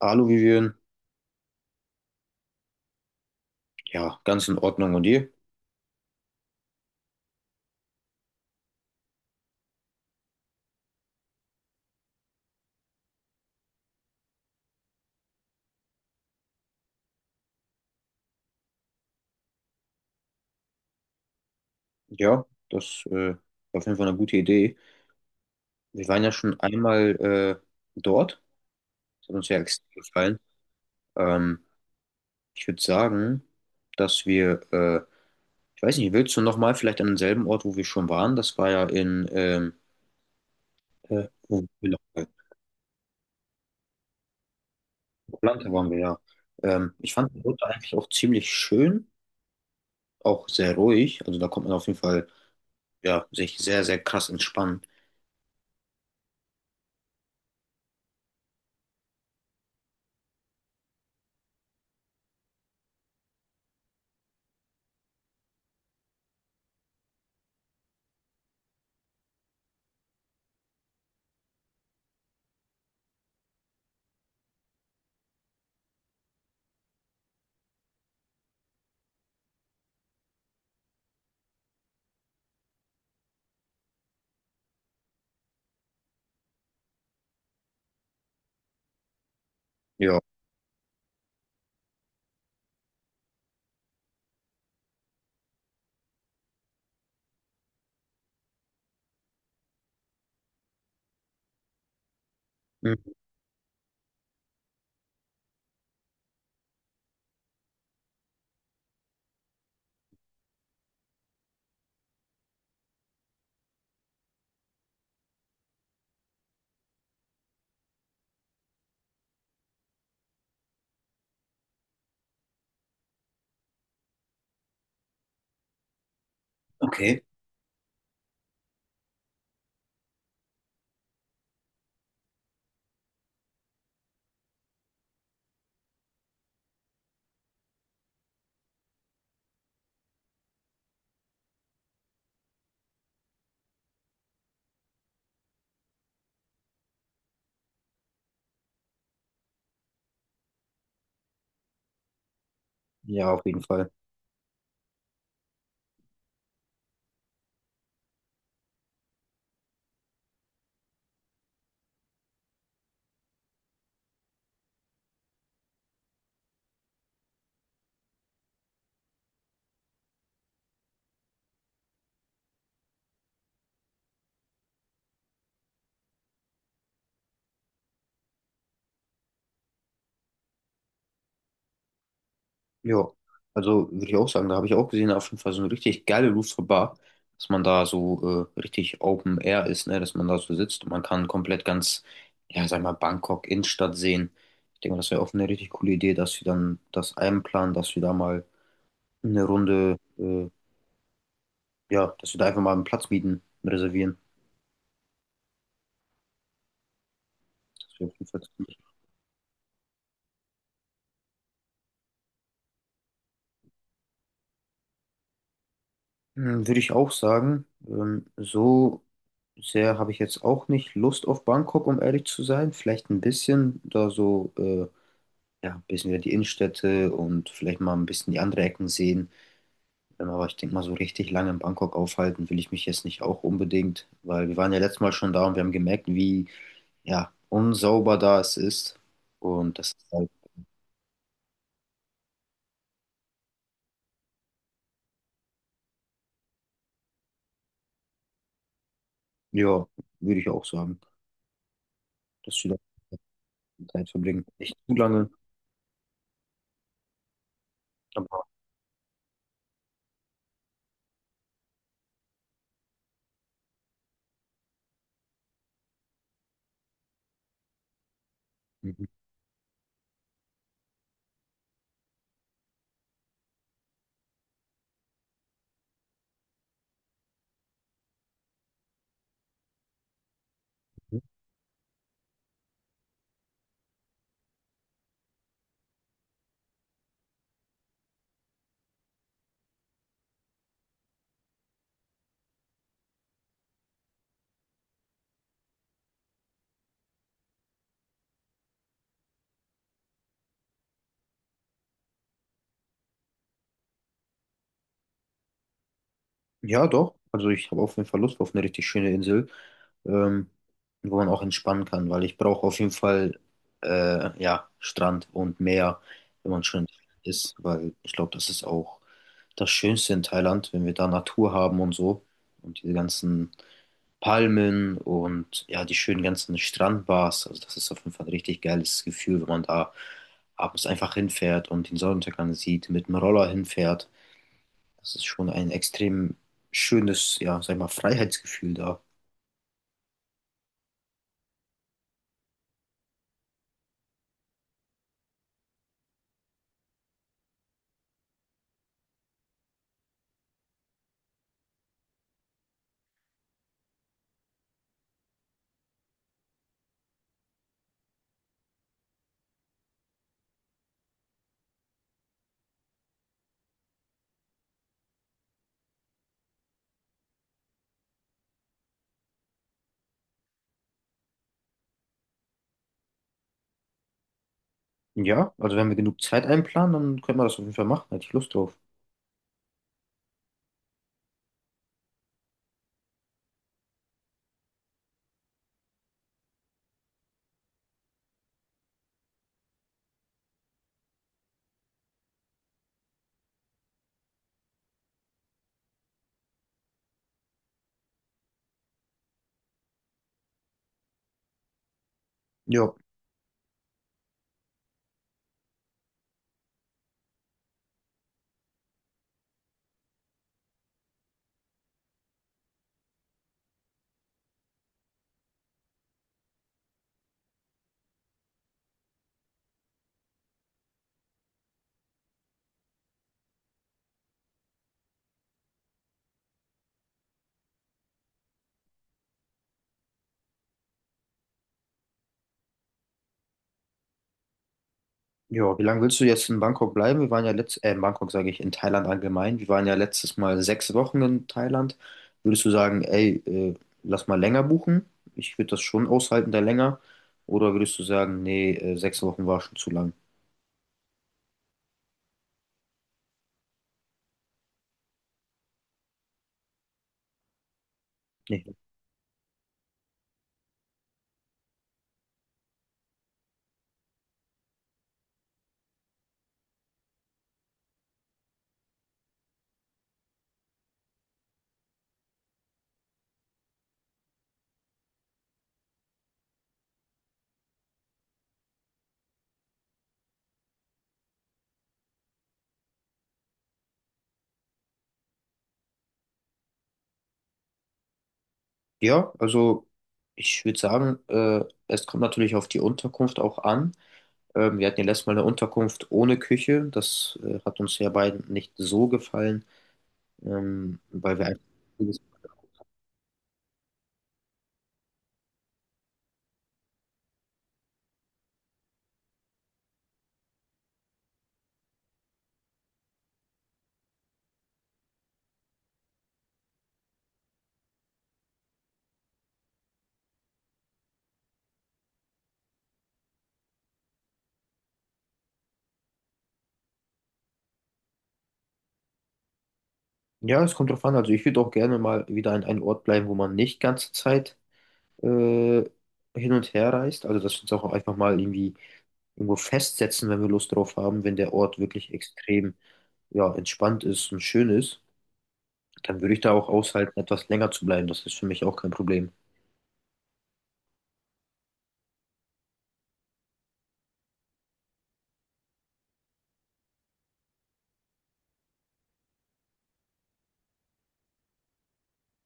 Alu, Aluvivieren, ja, ganz in Ordnung. Und ihr? Ja, das war auf jeden Fall eine gute Idee. Wir waren ja schon einmal dort. Das hat uns ja extrem gefallen. Ähm, Ich würde sagen, dass wir, äh, ich weiß nicht, willst du nochmal vielleicht an denselben Ort, wo wir schon waren? Das war ja in, wo waren wir noch? Atlanta waren wir ja. Ich fand die Route eigentlich auch ziemlich schön, auch sehr ruhig. Also da kommt man auf jeden Fall, ja, sich sehr, sehr krass entspannen. Ja. Mhm. Okay. Ja, auf jeden Fall. Ja, also würde ich auch sagen, da habe ich auch gesehen, auf jeden Fall so eine richtig geile Rooftop Bar, dass man da so richtig Open Air ist, ne, dass man da so sitzt und man kann komplett ganz, ja, sag mal, Bangkok Innenstadt sehen. Ich denke mal, das wäre auch eine richtig coole Idee, dass wir dann das einplanen, dass wir da mal eine Runde, äh, ja, dass wir da einfach mal einen Platz mieten, reservieren. Das wäre auf jeden Fall ziemlich. Hm, würde ich auch sagen, so sehr habe ich jetzt auch nicht Lust auf Bangkok, um ehrlich zu sein. Vielleicht ein bisschen da so. Ja, ein bisschen wieder die Innenstädte und vielleicht mal ein bisschen die andere Ecken sehen. Aber ich denke mal, so richtig lange in Bangkok aufhalten will ich mich jetzt nicht auch unbedingt, weil wir waren ja letztes Mal schon da und wir haben gemerkt, wie, ja, unsauber da es ist. Und das ist halt, ja, würde ich auch sagen, dass wir da Zeit verbringen. Nicht zu lange, aber mhm. Ja, doch. Also ich habe auf jeden Fall Lust auf eine richtig schöne Insel. ähm, Wo man auch entspannen kann, weil ich brauche auf jeden Fall ja, Strand und Meer, wenn man schön ist, weil ich glaube, das ist auch das Schönste in Thailand, wenn wir da Natur haben und so und diese ganzen Palmen und ja, die schönen ganzen Strandbars. Also das ist auf jeden Fall ein richtig geiles Gefühl, wenn man da abends einfach hinfährt und den Sonnenuntergang sieht, mit dem Roller hinfährt. Das ist schon ein extrem schönes, ja, sag ich mal, Freiheitsgefühl da. Ja, also wenn wir genug Zeit einplanen, dann können wir das auf jeden Fall machen. Hätte ich Lust drauf. Ja, ja. Wie lange willst du jetzt in Bangkok bleiben? Wir waren ja in Bangkok sage ich, in Thailand allgemein. Wir waren ja letztes Mal 6 Wochen in Thailand. Würdest du sagen, ey, lass mal länger buchen? Ich würde das schon aushalten, da länger. Oder würdest du sagen, nee, 6 Wochen war schon zu lang? Nee. Ja, also ich würde sagen, es kommt natürlich auf die Unterkunft auch an. Wir hatten ja letztes Mal eine Unterkunft ohne Küche. Das hat uns ja beiden nicht so gefallen, weil wir einfach. Ja, es kommt drauf an. Also ich würde auch gerne mal wieder an einem Ort bleiben, wo man nicht ganze Zeit äh, hin und her reist. Also dass wir uns auch einfach mal irgendwie irgendwo festsetzen, wenn wir Lust drauf haben, wenn der Ort wirklich extrem ja, entspannt ist und schön ist, dann würde ich da auch aushalten, etwas länger zu bleiben. Das ist für mich auch kein Problem.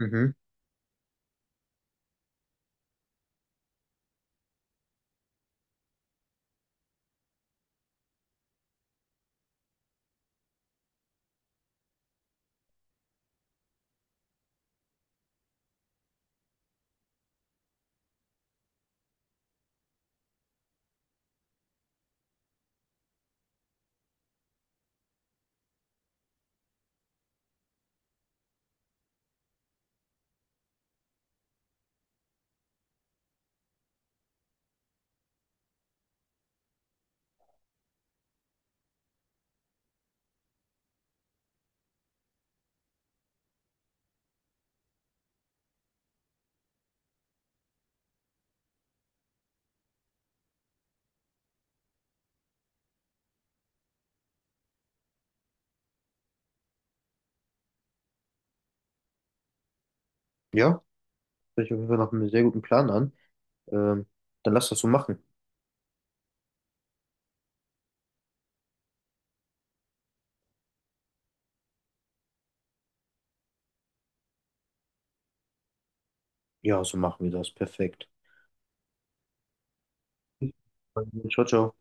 Mhm. Ja, hört sich auf jeden Fall nach einem sehr guten Plan an. Ähm, Dann lass das so machen. Ja, so machen wir das. Perfekt. Ciao, ciao.